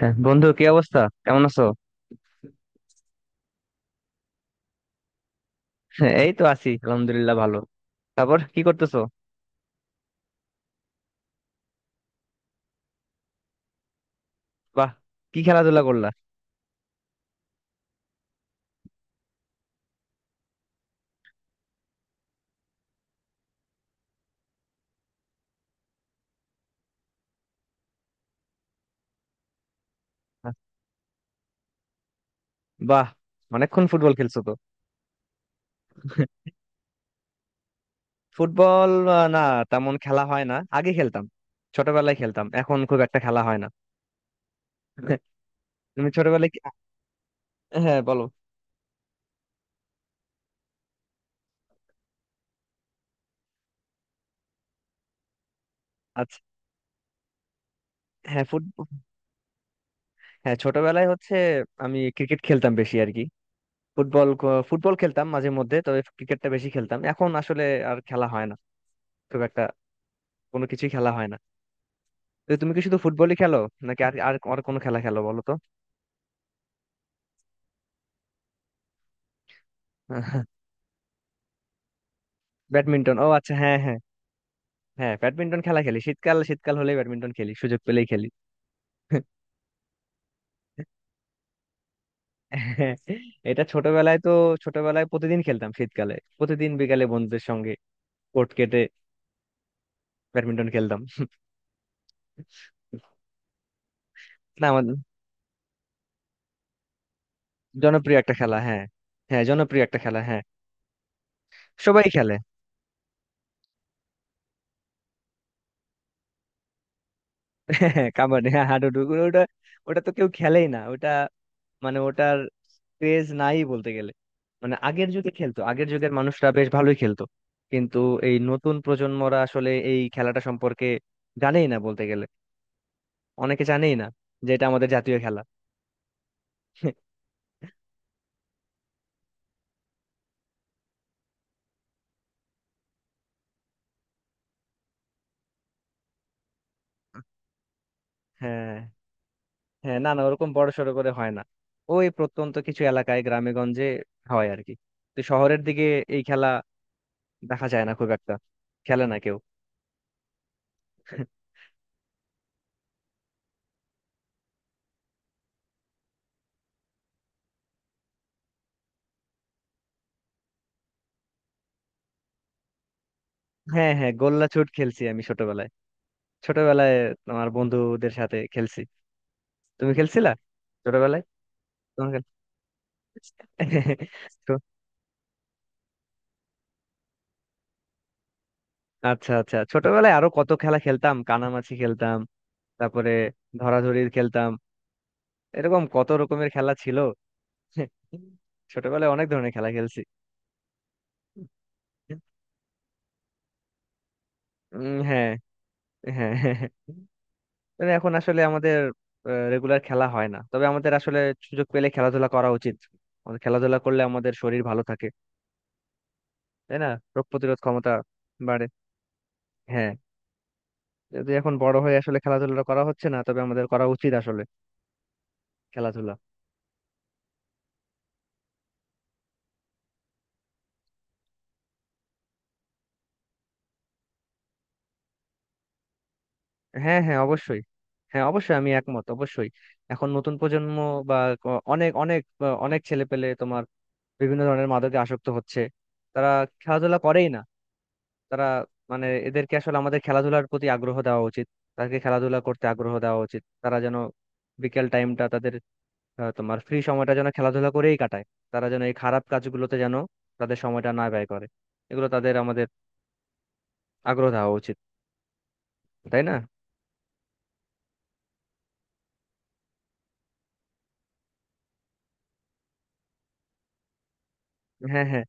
হ্যাঁ, বন্ধু, কি অবস্থা? কেমন আছো? হ্যাঁ, এই তো আছি, আলহামদুলিল্লাহ, ভালো। তারপর কি করতেছো? বাহ। কি খেলাধুলা করলা? বাহ, অনেকক্ষণ ফুটবল খেলছো তো। ফুটবল না, তেমন খেলা হয় না, আগে খেলতাম। ছোটবেলায় খেলতাম, এখন খুব একটা খেলা হয় না। তুমি ছোটবেলায় হ্যাঁ, বলো। আচ্ছা। হ্যাঁ, ফুটবল। হ্যাঁ, ছোটবেলায় হচ্ছে আমি ক্রিকেট খেলতাম বেশি আর কি। ফুটবল ফুটবল খেলতাম মাঝে মধ্যে, তবে ক্রিকেটটা বেশি খেলতাম। এখন আসলে আর খেলা হয় না খুব একটা, কোনো কিছুই খেলা হয় না। তো তুমি কি শুধু ফুটবলই খেলো, নাকি আর আর আর কোনো খেলা খেলো বলো তো? ব্যাডমিন্টন, ও আচ্ছা, হ্যাঁ হ্যাঁ। হ্যাঁ, ব্যাডমিন্টন খেলা খেলি, শীতকাল শীতকাল হলেই ব্যাডমিন্টন খেলি, সুযোগ পেলেই খেলি। হ্যাঁ, এটা ছোটবেলায় তো, ছোটবেলায় প্রতিদিন খেলতাম। শীতকালে প্রতিদিন বিকালে বন্ধুদের সঙ্গে কোর্ট কেটে ব্যাডমিন্টন খেলতাম। না, আমাদের জনপ্রিয় একটা খেলা, হ্যাঁ। হ্যাঁ, জনপ্রিয় একটা খেলা, হ্যাঁ। সবাই খেলে। হ্যাঁ, কাবাডি, হ্যাঁ, হাডুডু। ওটা, ওটা তো কেউ খেলেই না ওটা, মানে ওটার ক্রেজ নাই বলতে গেলে। মানে আগের যুগে খেলতো, আগের যুগের মানুষরা বেশ ভালোই খেলতো, কিন্তু এই নতুন প্রজন্মরা আসলে এই খেলাটা সম্পর্কে জানেই না বলতে গেলে। অনেকে জানেই না যে এটা আমাদের জাতীয় খেলা। হ্যাঁ হ্যাঁ, না না, ওরকম বড় সড়ো করে হয় না। ওই প্রত্যন্ত কিছু এলাকায় গ্রামে গঞ্জে হয় আর কি। তো শহরের দিকে এই খেলা দেখা যায় না খুব একটা, খেলে না কেউ। হ্যাঁ হ্যাঁ, গোল্লা ছুট খেলছি আমি ছোটবেলায়। ছোটবেলায় আমার বন্ধুদের সাথে খেলছি। তুমি খেলছিলা ছোটবেলায়? তোমার তো আচ্ছা আচ্ছা, ছোটবেলায় আরো কত খেলা খেলতাম, কানামাছি খেলতাম, তারপরে ধরাধরি খেলতাম, এরকম কত রকমের খেলা ছিল। ছোটবেলায় অনেক ধরনের খেলা খেলছি। হ্যাঁ। হ্যাঁ হ্যাঁ, হ্যাঁ। তবে এখন আসলে আমাদের রেগুলার খেলা হয় না, তবে আমাদের আসলে সুযোগ পেলে খেলাধুলা করা উচিত। আমাদের খেলাধুলা করলে আমাদের শরীর ভালো থাকে, তাই না? রোগ প্রতিরোধ ক্ষমতা বাড়ে। হ্যাঁ, যদি এখন বড় হয়ে আসলে খেলাধুলা করা হচ্ছে না, তবে আমাদের করা উচিত আসলে খেলাধুলা। হ্যাঁ হ্যাঁ, অবশ্যই। হ্যাঁ, অবশ্যই আমি একমত, অবশ্যই। এখন নতুন প্রজন্ম, বা অনেক অনেক অনেক ছেলেপেলে তোমার বিভিন্ন ধরনের মাদকে আসক্ত হচ্ছে। তারা খেলাধুলা করেই না। তারা, মানে এদেরকে আসলে আমাদের খেলাধুলার প্রতি আগ্রহ দেওয়া উচিত। তাদেরকে খেলাধুলা করতে আগ্রহ দেওয়া উচিত, তারা যেন বিকেল টাইমটা তাদের, তোমার ফ্রি সময়টা যেন খেলাধুলা করেই কাটায়। তারা যেন এই খারাপ কাজগুলোতে যেন তাদের সময়টা না ব্যয় করে। এগুলো তাদের আমাদের আগ্রহ দেওয়া উচিত, তাই না? হ্যাঁ হ্যাঁ।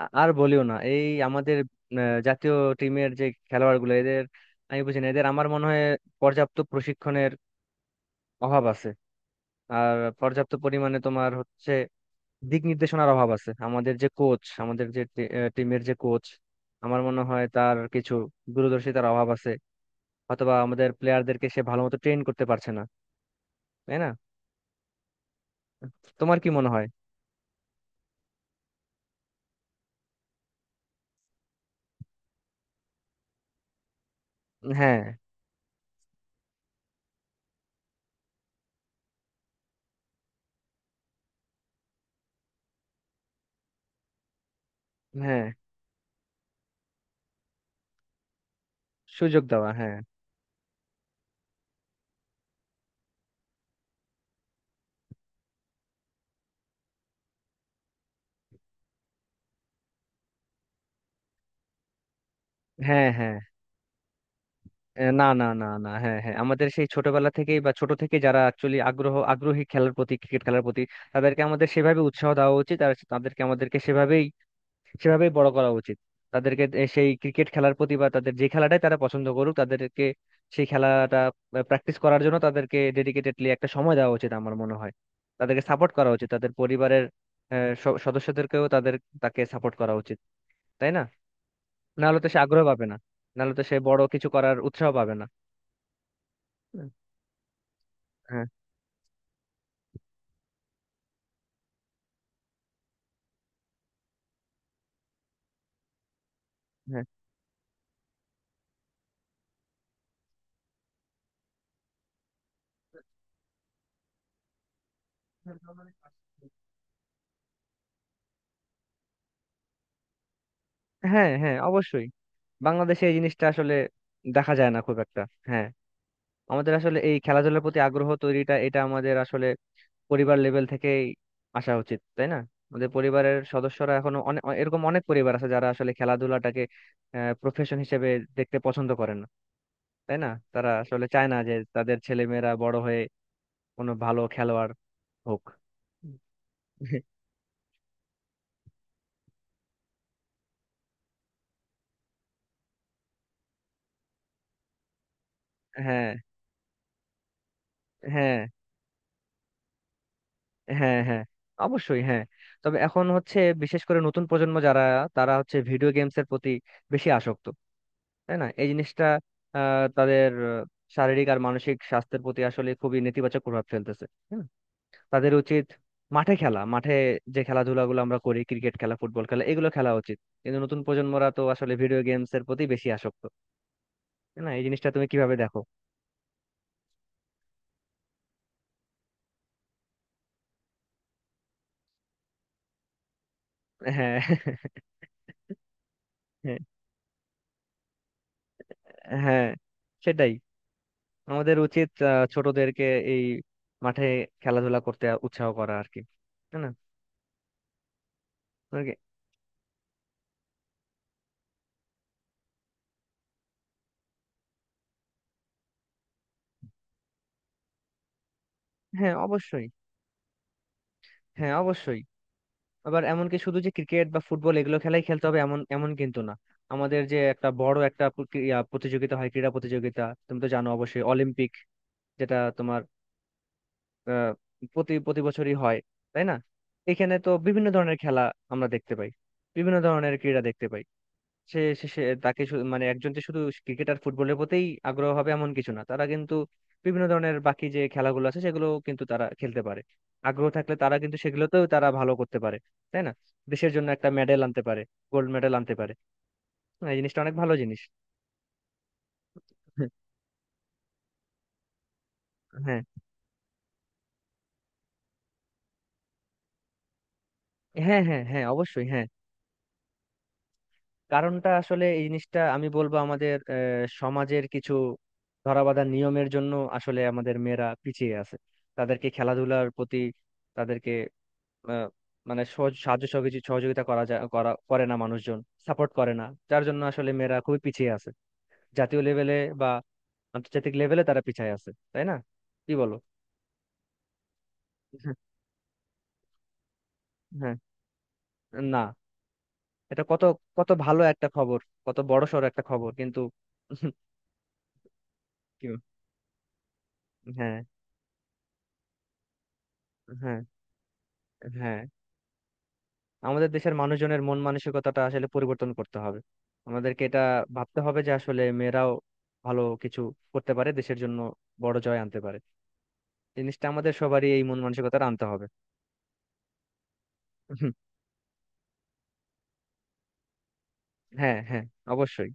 আর বলিও না, এই আমাদের জাতীয় টিমের যে খেলোয়াড় গুলো এদের, আমি বুঝি না এদের, আমার মনে হয় পর্যাপ্ত প্রশিক্ষণের অভাব আছে। আর পর্যাপ্ত পরিমাণে তোমার হচ্ছে দিক নির্দেশনার অভাব আছে। আমাদের যে কোচ, আমাদের যে টিমের যে কোচ, আমার মনে হয় তার কিছু দূরদর্শিতার অভাব আছে, অথবা আমাদের প্লেয়ারদেরকে সে ভালো মতো ট্রেন করতে পারছে না। তাই না? তোমার কি মনে হয়? হ্যাঁ হ্যাঁ, সুযোগ দেওয়া, হ্যাঁ। হ্যাঁ হ্যাঁ। না, না, না, না, হ্যাঁ হ্যাঁ, আমাদের সেই ছোটবেলা থেকেই বা ছোট থেকে যারা অ্যাকচুয়ালি আগ্রহী খেলার প্রতি, ক্রিকেট খেলার প্রতি তাদেরকে আমাদের সেভাবে উৎসাহ দেওয়া উচিত। আর তাদেরকে আমাদেরকে সেভাবেই সেভাবেই বড় করা উচিত। তাদেরকে সেই ক্রিকেট খেলার প্রতি বা তাদের যে খেলাটাই তারা পছন্দ করুক তাদেরকে সেই খেলাটা প্র্যাকটিস করার জন্য তাদেরকে ডেডিকেটেডলি একটা সময় দেওয়া উচিত আমার মনে হয়। তাদেরকে সাপোর্ট করা উচিত, তাদের পরিবারের সদস্যদেরকেও, তাদের তাকে সাপোর্ট করা উচিত, তাই না? নাহলে তো সে আগ্রহ পাবে না, নাহলে তো সে বড় কিছু করার উৎসাহ পাবে না। হ্যাঁ হ্যাঁ। হ্যাঁ হ্যাঁ, অবশ্যই। বাংলাদেশে এই জিনিসটা আসলে দেখা যায় না খুব একটা। হ্যাঁ, আমাদের আসলে এই খেলাধুলার প্রতি আগ্রহ তৈরিটা এটা আমাদের আসলে পরিবার লেভেল থেকেই আসা উচিত, তাই না? আমাদের পরিবারের সদস্যরা, এখনো অনেক এরকম অনেক পরিবার আছে যারা আসলে খেলাধুলাটাকে প্রফেশন হিসেবে দেখতে পছন্দ করে না, তাই না? তারা আসলে চায় না যে তাদের ছেলেমেয়েরা বড় হয়ে কোনো ভালো খেলোয়াড় হোক। হ্যাঁ হ্যাঁ হ্যাঁ হ্যাঁ, অবশ্যই, হ্যাঁ। তবে এখন হচ্ছে বিশেষ করে নতুন প্রজন্ম যারা, তারা হচ্ছে ভিডিও গেমস এর প্রতি বেশি আসক্ত, তাই না? এই জিনিসটা তাদের শারীরিক আর মানসিক স্বাস্থ্যের প্রতি আসলে খুবই নেতিবাচক প্রভাব ফেলতেছে। হুম, তাদের উচিত মাঠে খেলা, মাঠে যে খেলাধুলাগুলো আমরা করি, ক্রিকেট খেলা ফুটবল খেলা এগুলো খেলা উচিত। কিন্তু নতুন প্রজন্মরা তো আসলে ভিডিও গেমস এর প্রতি বেশি আসক্ত, তাই না? এই জিনিসটা তুমি কিভাবে দেখো? হ্যাঁ। হ্যাঁ, সেটাই। আমাদের উচিত ছোটদেরকে এই মাঠে খেলাধুলা করতে উৎসাহ করা আর কি, তাই না? আর হ্যাঁ, অবশ্যই। হ্যাঁ, অবশ্যই। আবার এমনকি শুধু যে ক্রিকেট বা ফুটবল এগুলো খেলাই খেলতে হবে এমন, কিন্তু না। আমাদের যে একটা বড় একটা প্রতিযোগিতা হয়, ক্রীড়া প্রতিযোগিতা, তুমি তো জানো অবশ্যই, অলিম্পিক, যেটা তোমার, আহ, প্রতি প্রতি বছরই হয়, তাই না? এখানে তো বিভিন্ন ধরনের খেলা আমরা দেখতে পাই, বিভিন্ন ধরনের ক্রীড়া দেখতে পাই। সে সে- সে তাকে মানে একজন যে শুধু ক্রিকেট আর ফুটবলের প্রতিই আগ্রহ হবে এমন কিছু না, তারা কিন্তু বিভিন্ন ধরনের বাকি যে খেলাগুলো আছে সেগুলো কিন্তু তারা খেলতে পারে। আগ্রহ থাকলে তারা কিন্তু সেগুলোতেও তারা ভালো করতে পারে, তাই না? দেশের জন্য একটা মেডেল আনতে পারে, গোল্ড মেডেল আনতে পারে। হ্যাঁ, এই জিনিসটা অনেক ভালো জিনিস। হ্যাঁ হ্যাঁ হ্যাঁ হ্যাঁ, অবশ্যই, হ্যাঁ। কারণটা আসলে এই জিনিসটা আমি বলবো আমাদের সমাজের কিছু ধরাবাঁধা নিয়মের জন্য আসলে আমাদের মেয়েরা পিছিয়ে আছে। তাদেরকে খেলাধুলার প্রতি তাদেরকে, আহ, মানে সহজ সাহায্য সহযোগিতা করা যায়, করা করে না মানুষজন, সাপোর্ট করে না, যার জন্য আসলে মেয়েরা খুবই পিছিয়ে আছে, জাতীয় লেভেলে বা আন্তর্জাতিক লেভেলে তারা পিছিয়ে আছে, তাই না? কি বলো? হ্যাঁ, হ্যাঁ, না। এটা কত, কত ভালো একটা খবর, কত বড়সড় একটা খবর কিন্তু। কি হ্যাঁ হ্যাঁ। হ্যাঁ, আমাদের দেশের মানুষজনের মন মানসিকতাটা আসলে পরিবর্তন করতে হবে। আমাদেরকে এটা ভাবতে হবে যে আসলে মেয়েরাও ভালো কিছু করতে পারে দেশের জন্য, বড় জয় আনতে পারে। জিনিসটা আমাদের সবারই এই মন মানসিকতাটা আনতে হবে। হুম, হ্যাঁ হ্যাঁ, অবশ্যই।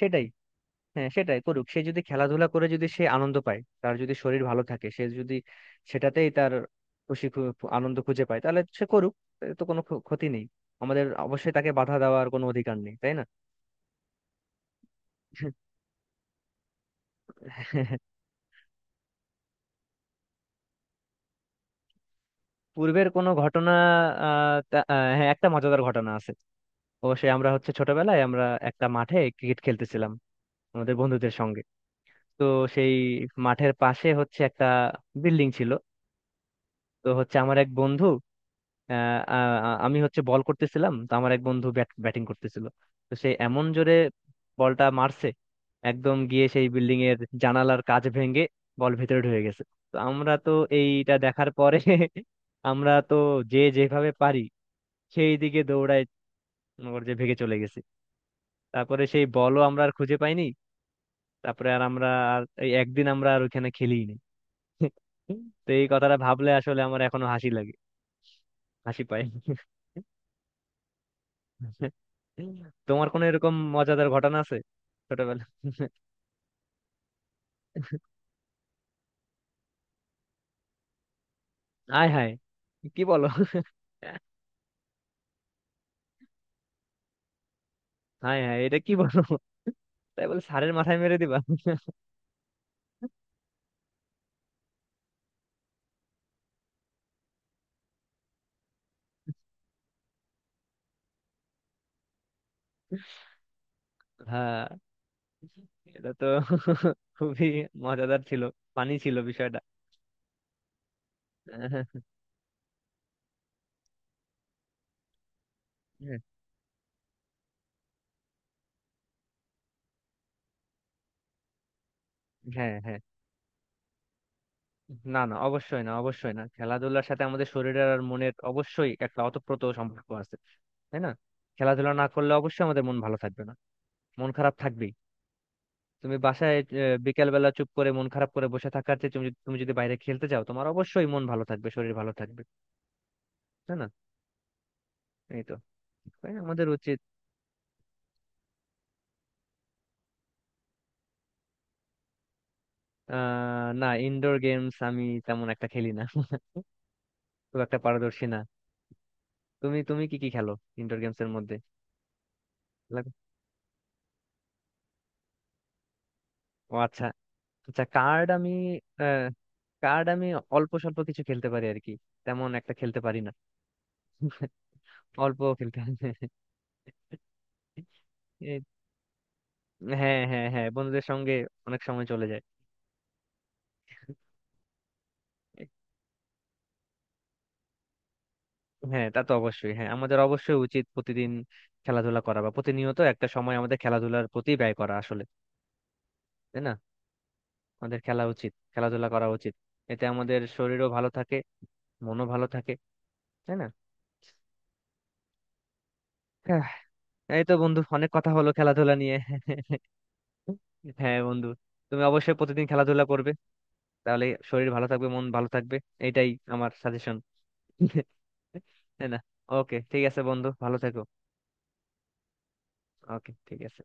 সেটাই। হ্যাঁ, সেটাই করুক, সে যদি খেলাধুলা করে, যদি সে আনন্দ পায়, তার যদি শরীর ভালো থাকে, সে যদি সেটাতেই তার আনন্দ খুঁজে পায়, তাহলে সে করুক। এতে তো কোনো ক্ষতি নেই। আমাদের অবশ্যই তাকে বাধা দেওয়ার কোনো অধিকার নেই, তাই না? পূর্বের কোনো ঘটনা, হ্যাঁ, একটা মজাদার ঘটনা আছে অবশ্যই। আমরা হচ্ছে ছোটবেলায় আমরা একটা মাঠে ক্রিকেট খেলতেছিলাম, আমাদের বন্ধুদের সঙ্গে। তো সেই মাঠের পাশে হচ্ছে একটা বিল্ডিং ছিল। তো হচ্ছে আমার এক বন্ধু, আহ, আ- আ- আমি হচ্ছে বল করতেছিলাম, তো আমার এক বন্ধু ব্যাট ব্যাটিং করতেছিল। তো সে এমন জোরে বলটা মারছে, একদম গিয়ে সেই বিল্ডিং এর জানালার কাচ ভেঙে বল ভেতরে ঢুকে গেছে। তো আমরা তো এইটা দেখার পরে আমরা তো যে যেভাবে পারি সেই দিকে দৌড়ায়, মনে যে ভেগে চলে গেছি। তারপরে সেই বলও আমরা আর খুঁজে পাইনি, তারপরে আর আমরা আর এই একদিন আমরা আর ওখানে খেলি। তো এই কথাটা ভাবলে আসলে আমার এখনো হাসি লাগে, হাসি পায়। তোমার কোনো এরকম মজাদার ঘটনা আছে ছোটবেলা? আয় হায়, কি বলো? হায় হায়, এটা কি বলো? তাই বলে সারের মাথায় মেরে দিবা? হ্যাঁ। এটা তো খুবই মজাদার ছিল, ফানি ছিল বিষয়টা। হ্যাঁ হ্যাঁ, না না, অবশ্যই না, অবশ্যই না। খেলাধুলার সাথে আমাদের শরীরের আর মনের অবশ্যই একটা অতপ্রত সম্পর্ক আছে, তাই না? খেলাধুলা না করলে অবশ্যই আমাদের মন ভালো থাকবে না, মন খারাপ থাকবেই। তুমি বাসায় বিকেল বেলা চুপ করে মন খারাপ করে বসে থাকার চেয়ে তুমি তুমি যদি বাইরে খেলতে যাও, তোমার অবশ্যই মন ভালো থাকবে, শরীর ভালো থাকবে, তাই না? এই তো। তাই না? আমাদের উচিত, না, ইনডোর গেমস আমি তেমন একটা খেলি না। খুব একটা পারদর্শী না। তুমি তুমি কি কি খেলো ইনডোর গেমস এর মধ্যে? লাগ- ও আচ্ছা। আচ্ছা, কার্ড আমি, আহ, কার্ড আমি অল্প স্বল্প কিছু খেলতে পারি আর কি, তেমন একটা খেলতে পারি না। অল্প খেলতে পারি। এই- হ্যাঁ হ্যাঁ হ্যাঁ, বন্ধুদের সঙ্গে অনেক সময় চলে যায়। হ্যাঁ, তা তো অবশ্যই, হ্যাঁ, আমাদের অবশ্যই উচিত প্রতিদিন খেলাধুলা করা বা প্রতিনিয়ত একটা সময় আমাদের খেলাধুলার প্রতি ব্যয় করা আসলে, তাই না? আমাদের খেলা উচিত, খেলাধুলা করা উচিত, এতে আমাদের শরীরও ভালো থাকে, মনও ভালো থাকে, তাই না? হ্যাঁ, এই তো বন্ধু, অনেক কথা হলো খেলাধুলা নিয়ে। হ্যাঁ বন্ধু, তুমি অবশ্যই প্রতিদিন খেলাধুলা করবে, তাহলে শরীর ভালো থাকবে, মন ভালো থাকবে, এটাই আমার সাজেশন, তাই না? ওকে, ঠিক আছে বন্ধু, ভালো থেকো। ওকে, ঠিক আছে।